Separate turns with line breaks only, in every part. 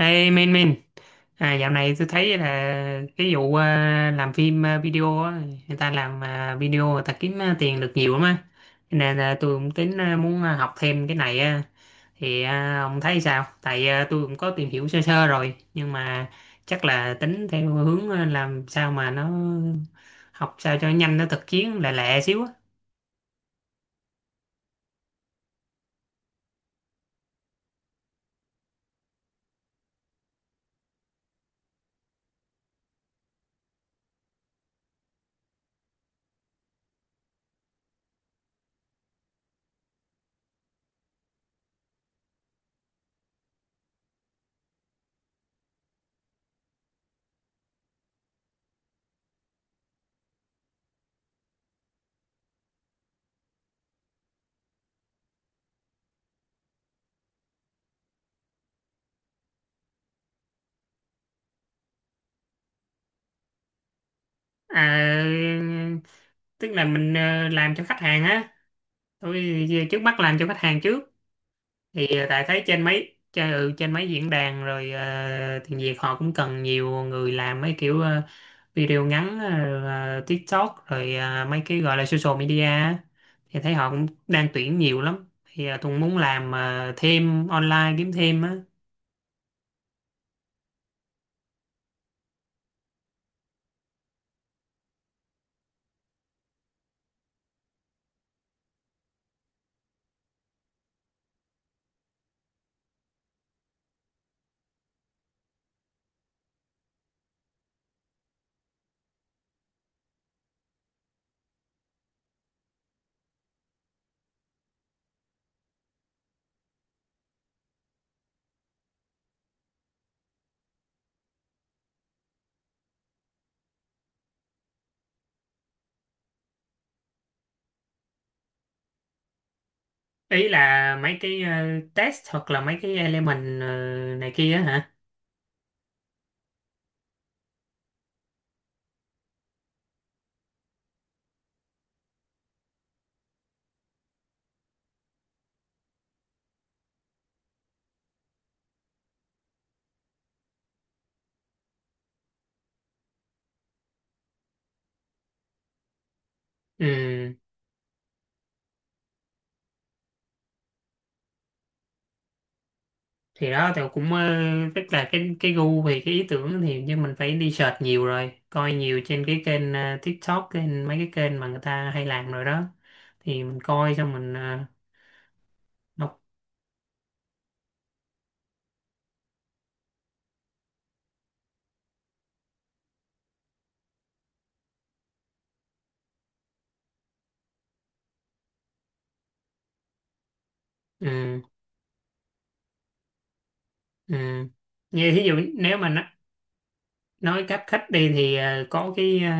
Ê Min Min, à, dạo này tôi thấy là cái vụ làm phim, video á, người ta làm, video người ta kiếm, tiền được nhiều lắm á. Cho nên là tôi cũng tính, muốn, học thêm cái này á. Thì ông thấy sao, tại tôi cũng có tìm hiểu sơ sơ rồi nhưng mà chắc là tính theo hướng, làm sao mà nó học sao cho nhanh, nó thực chiến lẹ lẹ xíu á. À, tức là mình, làm cho khách hàng á, tôi trước mắt làm cho khách hàng trước. Thì tại thấy trên mấy trên mấy diễn đàn rồi, tiếng Việt họ cũng cần nhiều người làm mấy kiểu, video ngắn, TikTok rồi, mấy cái gọi là social media á. Thì thấy họ cũng đang tuyển nhiều lắm, thì tôi cũng muốn làm, thêm online kiếm thêm á. Ý là mấy cái, test hoặc là mấy cái element, này kia á hả? Ừ, thì đó thì cũng, tức là cái gu thì cái ý tưởng thì, nhưng mình phải đi search nhiều rồi coi nhiều trên cái kênh, TikTok, kênh mấy cái kênh mà người ta hay làm rồi đó. Thì mình coi xong mình, đọc. Ừ, ừ. Như thí dụ nếu mà nói cách khách đi thì, có cái,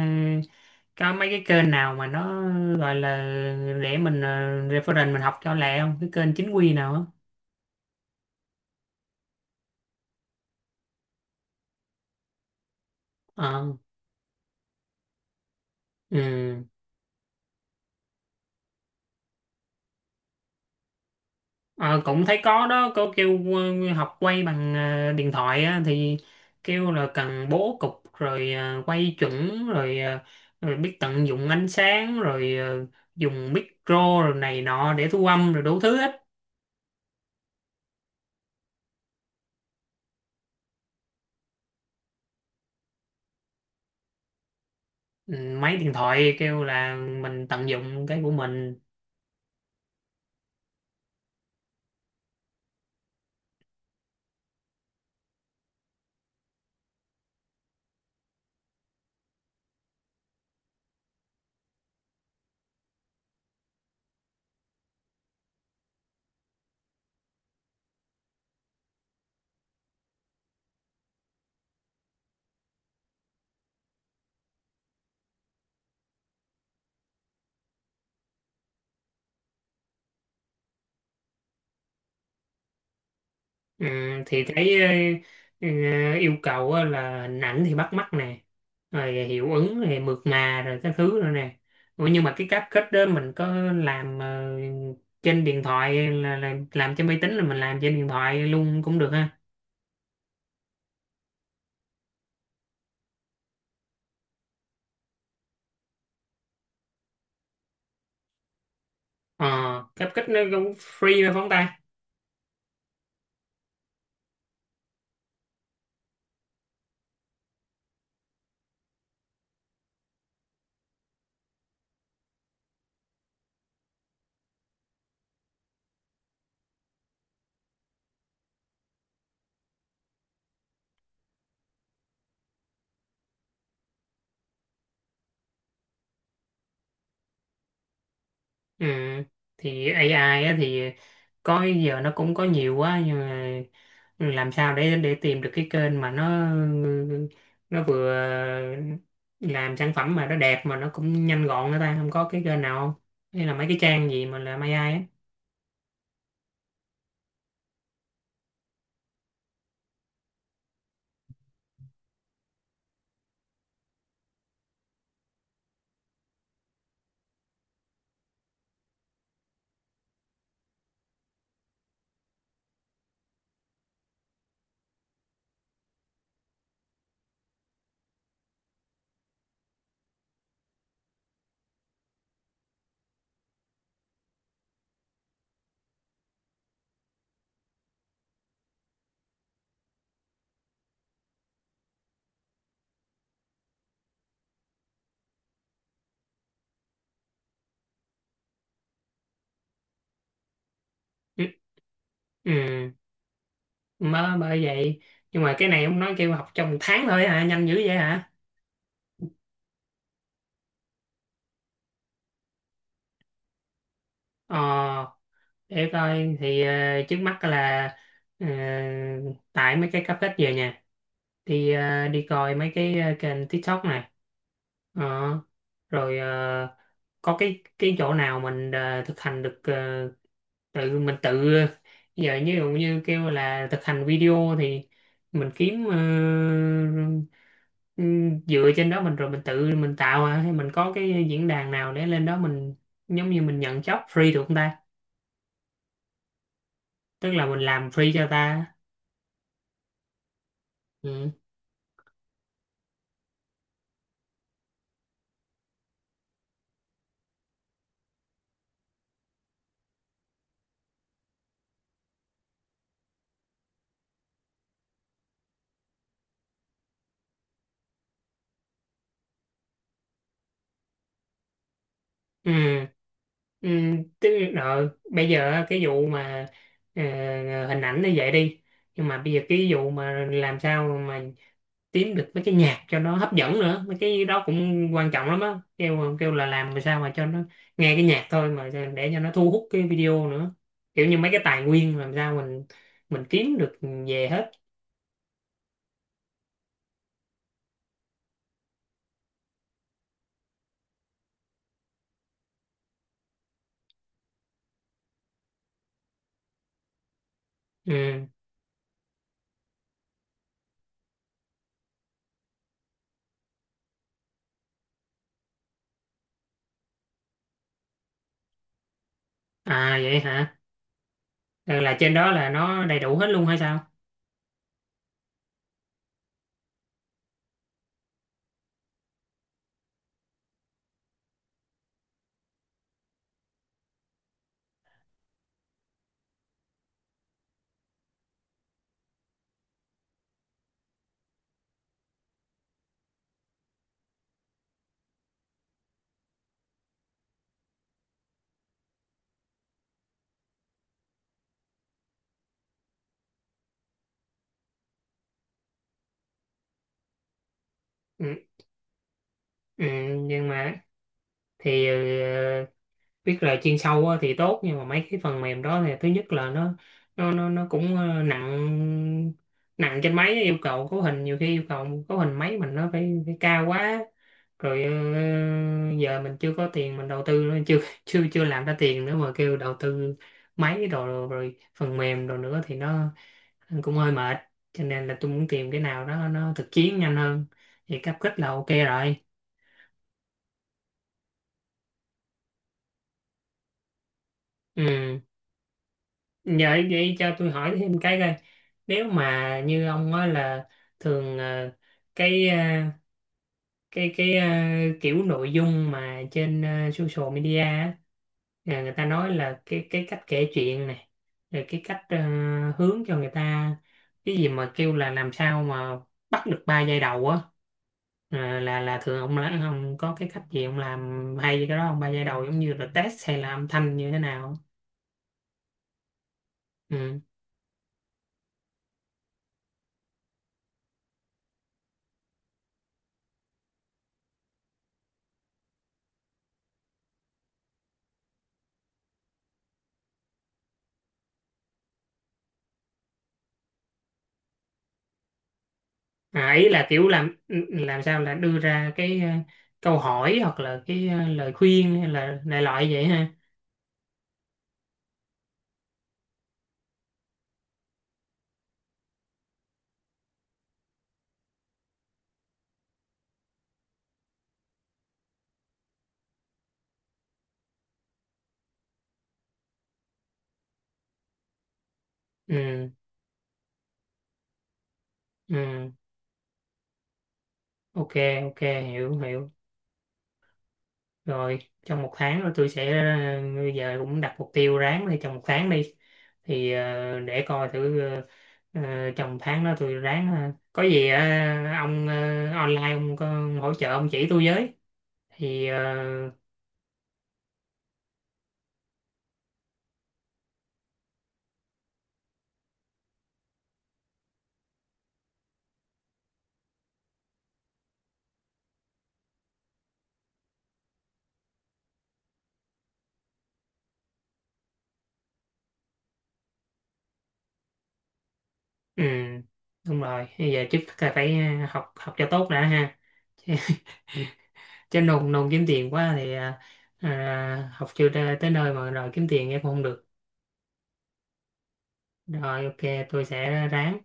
có mấy cái kênh nào mà nó gọi là để mình, reference, mình học cho lẹ không, cái kênh chính quy nào á? Ờ, ừ. Ờ, cũng thấy có đó, có kêu, học quay bằng, điện thoại á, thì kêu là cần bố cục rồi, quay chuẩn rồi, rồi biết tận dụng ánh sáng rồi, dùng micro rồi này nọ để thu âm rồi đủ thứ hết. Ừ, máy điện thoại kêu là mình tận dụng cái của mình. Ừ, thì thấy, ờ, yêu cầu á là hình ảnh thì bắt mắt nè, rồi hiệu ứng thì mượt mà rồi các thứ rồi nè. Ủa, nhưng mà cái cáp kết đó, mình có làm, trên điện thoại là làm trên máy tính, là mình làm trên điện thoại luôn cũng được ha? Ờ, cáp kết nó cũng free mà phóng tay. Ừ. Thì AI á, thì có giờ nó cũng có nhiều quá, nhưng mà làm sao để tìm được cái kênh mà nó vừa làm sản phẩm mà nó đẹp mà nó cũng nhanh gọn nữa ta, không có cái kênh nào không, hay là mấy cái trang gì mà làm AI á? Ừ. Ừ. Mới bởi vậy, nhưng mà cái này ông nói kêu học trong một tháng thôi hả, nhanh dữ vậy hả? Ờ, để coi thì, trước mắt là, ờ, tại mấy cái cáp kết về nhà đi, đi coi mấy cái, kênh TikTok này. Ờ, rồi, có cái chỗ nào mình, thực hành được, tự mình tự giờ như dụ như kêu là thực hành video thì mình kiếm, dựa trên đó mình rồi mình tự mình tạo, à? Hay mình có cái diễn đàn nào để lên đó mình giống như mình nhận job free được không ta, tức là mình làm free cho ta? Ừ. Ừ, ừ, tức đó, bây giờ á, cái vụ mà, ờ, hình ảnh như vậy đi, nhưng mà bây giờ cái vụ mà làm sao mà kiếm được mấy cái nhạc cho nó hấp dẫn nữa, mấy cái đó cũng quan trọng lắm á, kêu kêu là làm mà sao mà cho nó nghe cái nhạc thôi mà để cho nó thu hút cái video nữa, kiểu như mấy cái tài nguyên làm sao mình kiếm được về hết. Ừ. À vậy hả? Ờ, là trên đó là nó đầy đủ hết luôn hay sao? Ừ, ừ, nhưng mà thì, biết là chuyên sâu á thì tốt, nhưng mà mấy cái phần mềm đó thì thứ nhất là nó cũng, nặng, nặng trên máy, yêu cầu cấu hình, nhiều khi yêu cầu cấu hình máy mình nó phải cao quá, rồi giờ mình chưa có tiền mình đầu tư nữa, chưa chưa chưa làm ra tiền nữa mà kêu đầu tư máy đồ rồi phần mềm đồ nữa thì nó cũng hơi mệt. Cho nên là tôi muốn tìm cái nào đó nó thực chiến nhanh hơn, thì cáp kích là ok rồi. Ừ. Dạ vậy cho tôi hỏi thêm cái coi, nếu mà như ông á là thường, cái, cái cái ờ, kiểu nội dung mà trên, social media á, là người ta nói là cái cách kể chuyện này, rồi cái cách, hướng cho người ta, cái gì mà kêu là làm sao mà bắt được ba giây đầu á. Ờ, là thường ông ông có cái cách gì ông làm hay cái đó không, ba giây đầu giống như là test hay là âm thanh như thế nào? Ừ. À, ý là kiểu làm sao là đưa ra cái, câu hỏi hoặc là cái, lời khuyên hay là đại loại vậy ha. Ừ, ừ, ok, ok, hiểu, hiểu. Rồi, trong một tháng rồi tôi sẽ, bây giờ cũng đặt mục tiêu ráng đi trong một tháng đi. Thì để coi thử, trong tháng đó tôi ráng ha, có gì, ông, online ông có hỗ trợ ông chỉ tôi với. Thì ừ, đúng rồi, bây giờ trước là phải, học học cho tốt đã ha. Chứ cho nồn nồn kiếm tiền quá thì à, à, học chưa ra tới nơi mà rồi kiếm tiền em không được. Rồi ok, tôi sẽ ráng.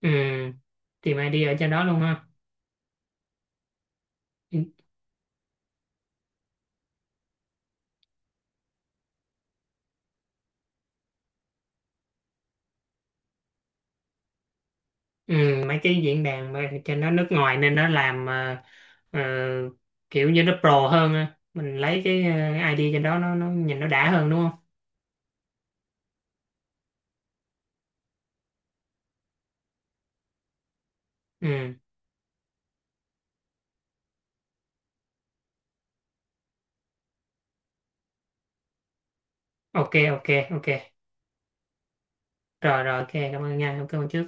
Ừ, tìm ID ở trên đó luôn ha? Ừ, ừ, mấy cái diễn đàn mà trên đó nước ngoài nên nó làm à, ờ, kiểu như nó pro hơn á, mình lấy cái, à, ID trên đó, nó nhìn nó đã hơn đúng không? Ừ, ok, ok, ok, rồi rồi ok, cảm ơn nha, cảm ơn trước.